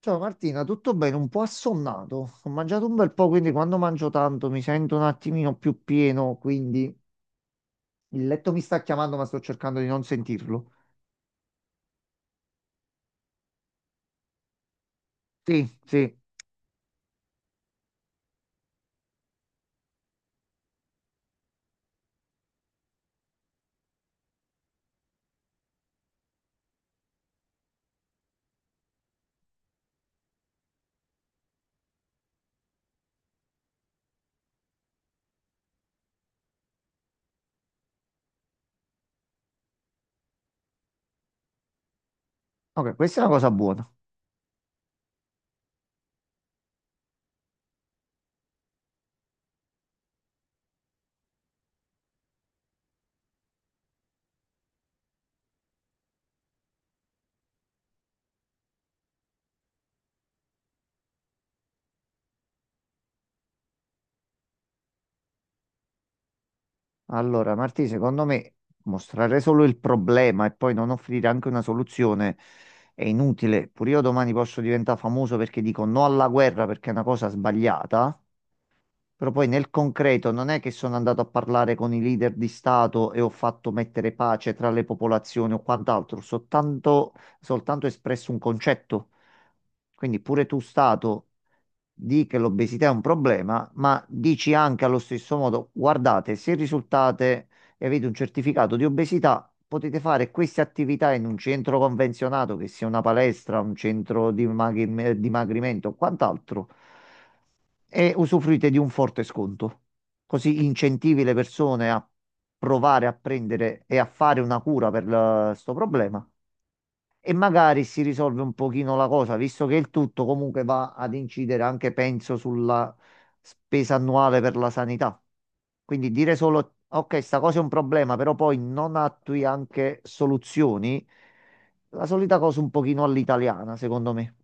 Ciao Martina, tutto bene? Un po' assonnato. Ho mangiato un bel po', quindi quando mangio tanto mi sento un attimino più pieno, quindi il letto mi sta chiamando, ma sto cercando di non sentirlo. Sì, sì. Ok, questa è una cosa buona. Allora, Martina, secondo me mostrare solo il problema e poi non offrire anche una soluzione è inutile. Pure io domani posso diventare famoso perché dico no alla guerra perché è una cosa sbagliata. Però poi nel concreto non è che sono andato a parlare con i leader di Stato e ho fatto mettere pace tra le popolazioni o quant'altro, soltanto espresso un concetto. Quindi pure tu, Stato, di che l'obesità è un problema, ma dici anche allo stesso modo, guardate, se risultate e avete un certificato di obesità, potete fare queste attività in un centro convenzionato, che sia una palestra, un centro di dimagrimento o quant'altro, e usufruite di un forte sconto. Così incentivi le persone a provare a prendere e a fare una cura per questo problema e magari si risolve un pochino la cosa, visto che il tutto comunque va ad incidere anche, penso, sulla spesa annuale per la sanità. Quindi dire solo, ok, sta cosa è un problema, però poi non attui anche soluzioni, la solita cosa un pochino all'italiana, secondo me.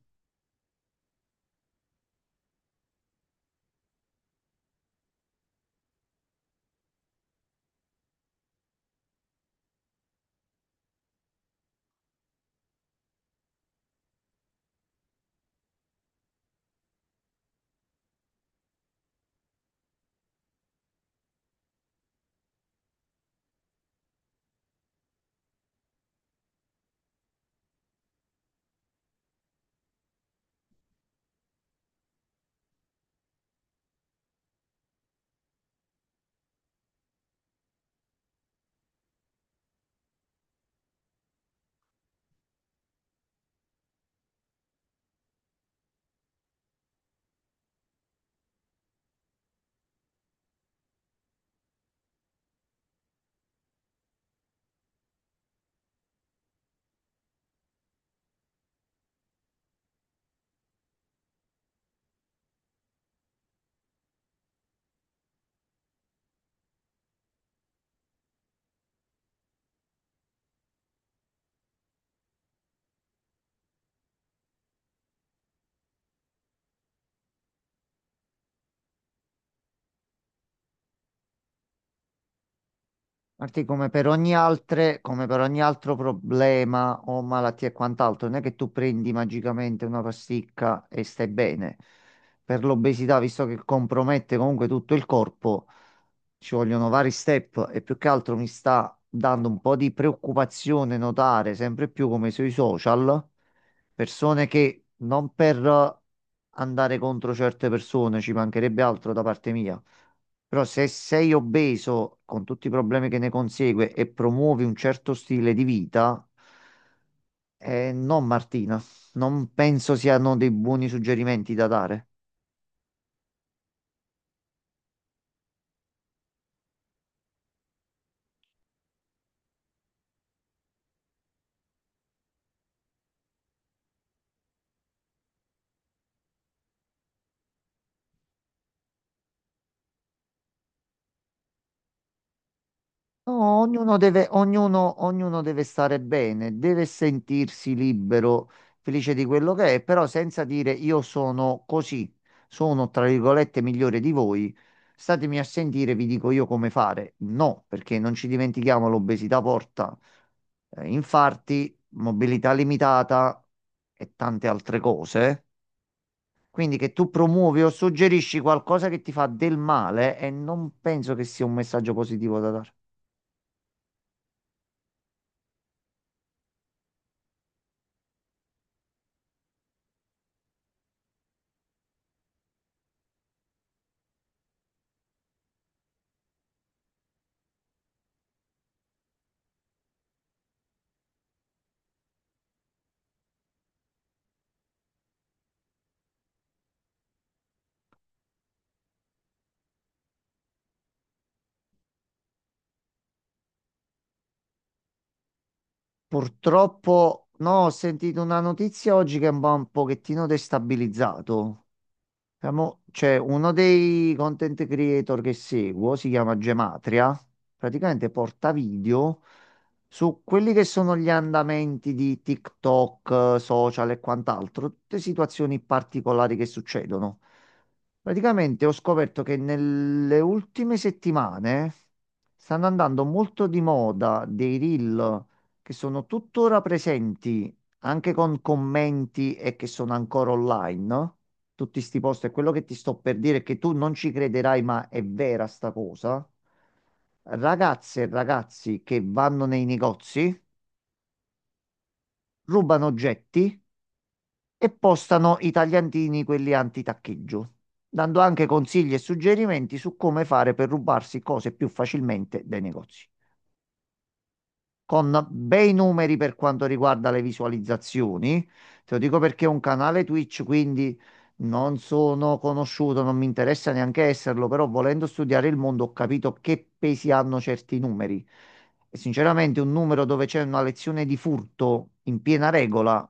Marti, come per ogni altro problema o malattia e quant'altro, non è che tu prendi magicamente una pasticca e stai bene. Per l'obesità, visto che compromette comunque tutto il corpo, ci vogliono vari step e più che altro mi sta dando un po' di preoccupazione notare sempre più come sui social persone che non per andare contro certe persone, ci mancherebbe altro da parte mia. Però se sei obeso, con tutti i problemi che ne consegue, e promuovi un certo stile di vita, no, Martina, non penso siano dei buoni suggerimenti da dare. No, ognuno deve stare bene, deve sentirsi libero, felice di quello che è, però senza dire io sono così, sono tra virgolette migliore di voi, statemi a sentire, vi dico io come fare. No, perché non ci dimentichiamo, l'obesità porta infarti, mobilità limitata e tante altre cose. Quindi che tu promuovi o suggerisci qualcosa che ti fa del male e non penso che sia un messaggio positivo da dare. Purtroppo, no, ho sentito una notizia oggi che mi ha un pochettino destabilizzato. C'è uno dei content creator che seguo, si chiama Gematria, praticamente porta video su quelli che sono gli andamenti di TikTok, social e quant'altro, tutte situazioni particolari che succedono. Praticamente ho scoperto che nelle ultime settimane stanno andando molto di moda dei reel che sono tuttora presenti anche con commenti e che sono ancora online tutti sti posti. E quello che ti sto per dire è che tu non ci crederai, ma è vera sta cosa. Ragazze e ragazzi che vanno nei negozi, rubano oggetti e postano i tagliantini, quelli anti-taccheggio, dando anche consigli e suggerimenti su come fare per rubarsi cose più facilmente dai negozi, con bei numeri per quanto riguarda le visualizzazioni. Te lo dico perché è un canale Twitch, quindi non sono conosciuto, non mi interessa neanche esserlo, però volendo studiare il mondo ho capito che pesi hanno certi numeri. E sinceramente un numero dove c'è una lezione di furto in piena regola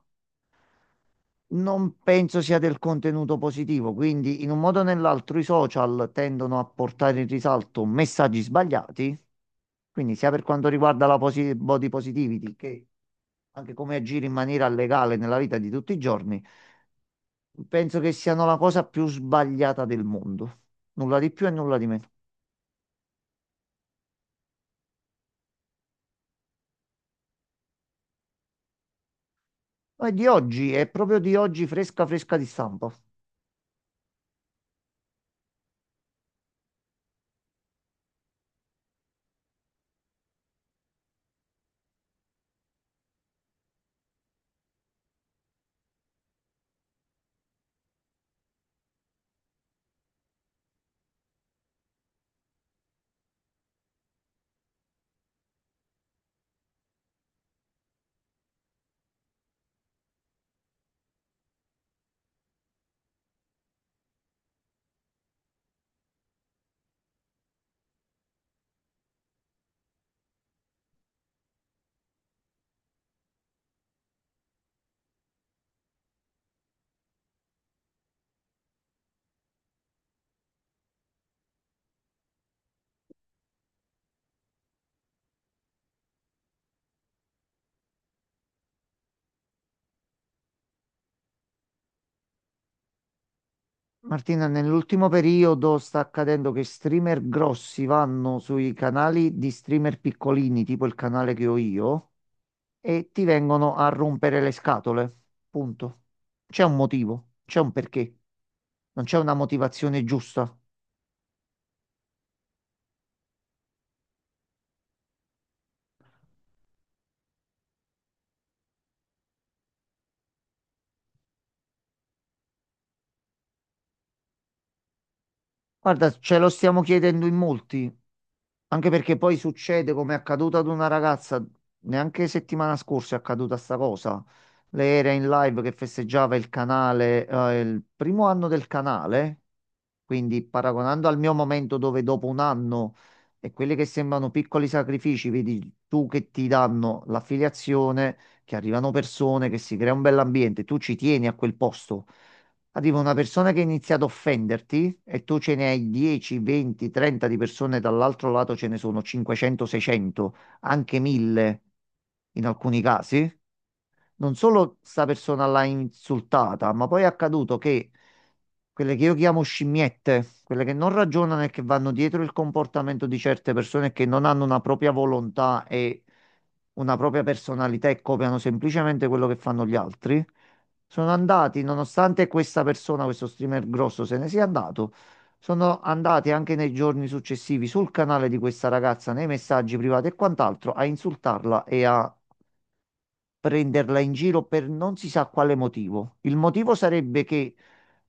non penso sia del contenuto positivo, quindi in un modo o nell'altro i social tendono a portare in risalto messaggi sbagliati, quindi sia per quanto riguarda la body positivity che anche come agire in maniera legale nella vita di tutti i giorni, penso che siano la cosa più sbagliata del mondo. Nulla di più e nulla di meno. Ma è di oggi, è proprio di oggi fresca fresca di stampa. Martina, nell'ultimo periodo sta accadendo che streamer grossi vanno sui canali di streamer piccolini, tipo il canale che ho io, e ti vengono a rompere le scatole. Punto. C'è un motivo, c'è un perché. Non c'è una motivazione giusta. Guarda, ce lo stiamo chiedendo in molti, anche perché poi succede come è accaduto ad una ragazza, neanche settimana scorsa è accaduta sta cosa. Lei era in live che festeggiava il canale, il primo anno del canale, quindi paragonando al mio momento dove dopo un anno e quelli che sembrano piccoli sacrifici, vedi tu che ti danno l'affiliazione, che arrivano persone, che si crea un bell'ambiente, tu ci tieni a quel posto. Arriva una persona che ha iniziato a offenderti e tu ce ne hai 10, 20, 30 di persone, dall'altro lato ce ne sono 500, 600, anche 1000 in alcuni casi, non solo sta persona l'ha insultata, ma poi è accaduto che quelle che io chiamo scimmiette, quelle che non ragionano e che vanno dietro il comportamento di certe persone che non hanno una propria volontà e una propria personalità e copiano semplicemente quello che fanno gli altri, sono andati, nonostante questa persona, questo streamer grosso, se ne sia andato. Sono andati anche nei giorni successivi sul canale di questa ragazza, nei messaggi privati e quant'altro, a insultarla e a prenderla in giro per non si sa quale motivo. Il motivo sarebbe che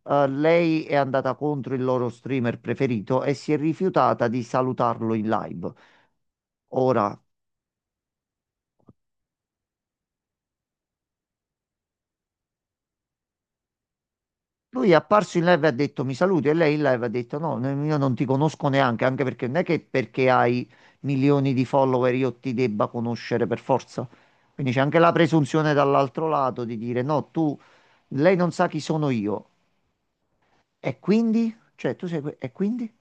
lei è andata contro il loro streamer preferito e si è rifiutata di salutarlo in live. Ora, lui è apparso in live e ha detto mi saluti e lei in live ha detto no, io non ti conosco neanche, anche perché non è che perché hai milioni di follower io ti debba conoscere per forza. Quindi c'è anche la presunzione dall'altro lato di dire no, tu, lei non sa chi sono io. E quindi? Cioè, E quindi?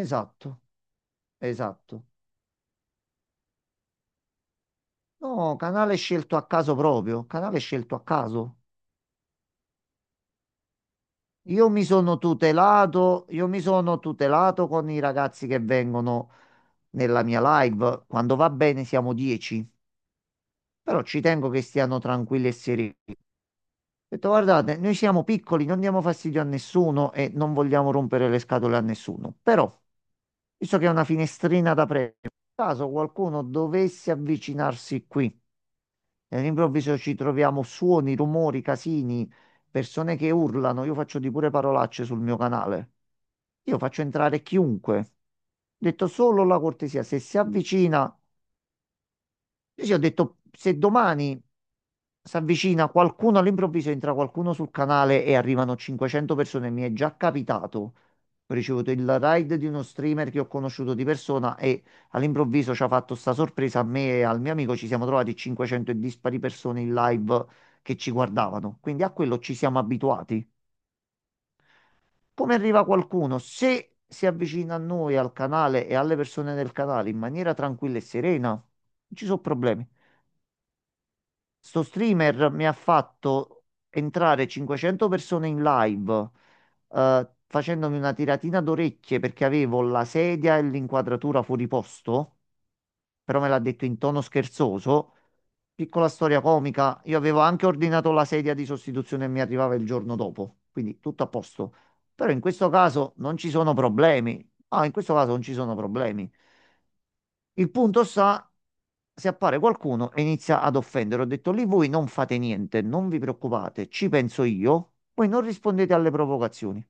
Esatto, esatto. No, canale scelto a caso proprio, canale scelto a caso. Io mi sono tutelato con i ragazzi che vengono nella mia live. Quando va bene siamo 10, però ci tengo che stiano tranquilli e sereni. Ho detto, guardate, noi siamo piccoli, non diamo fastidio a nessuno e non vogliamo rompere le scatole a nessuno. Però, visto che è una finestrina da premio, caso qualcuno dovesse avvicinarsi qui e all'improvviso ci troviamo suoni, rumori, casini, persone che urlano. Io faccio di pure parolacce sul mio canale. Io faccio entrare chiunque. Ho detto solo la cortesia, se si avvicina ho detto, se domani si avvicina qualcuno all'improvviso, entra qualcuno sul canale e arrivano 500 persone, mi è già capitato. Ho ricevuto il ride di uno streamer che ho conosciuto di persona e all'improvviso ci ha fatto sta sorpresa a me e al mio amico. Ci siamo trovati 500 e dispari persone in live che ci guardavano. Quindi a quello ci siamo abituati. Come arriva qualcuno? Se si avvicina a noi, al canale e alle persone del canale in maniera tranquilla e serena, non ci sono problemi. Sto streamer mi ha fatto entrare 500 persone in live, facendomi una tiratina d'orecchie perché avevo la sedia e l'inquadratura fuori posto, però me l'ha detto in tono scherzoso. Piccola storia comica, io avevo anche ordinato la sedia di sostituzione e mi arrivava il giorno dopo, quindi tutto a posto. Però in questo caso non ci sono problemi. Ah, in questo caso non ci sono problemi. Il punto sta, se appare qualcuno e inizia ad offendere, ho detto lì voi non fate niente, non vi preoccupate, ci penso io, voi non rispondete alle provocazioni. Che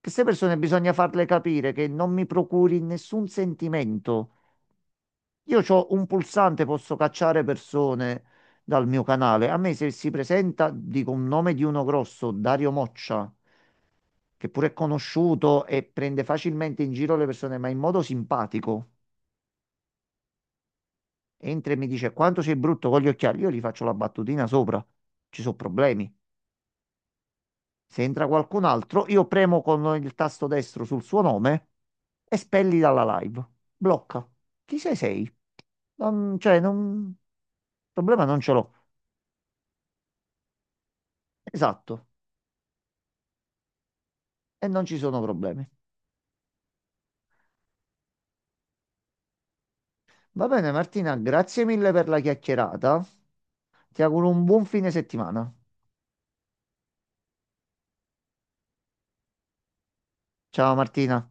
queste persone bisogna farle capire che non mi procuri nessun sentimento. Io ho un pulsante, posso cacciare persone dal mio canale. A me se si presenta, dico un nome di uno grosso, Dario Moccia, che pure è conosciuto e prende facilmente in giro le persone, ma in modo simpatico, entra e mi dice quanto sei brutto con gli occhiali, io gli faccio la battutina sopra, ci sono problemi. Se entra qualcun altro, io premo con il tasto destro sul suo nome e spelli dalla live. Blocca. Chi sei sei? Non, cioè, non... problema non ce l'ho. Esatto. E non ci sono problemi. Va bene, Martina, grazie mille per la chiacchierata. Ti auguro un buon fine settimana. Ciao Martina.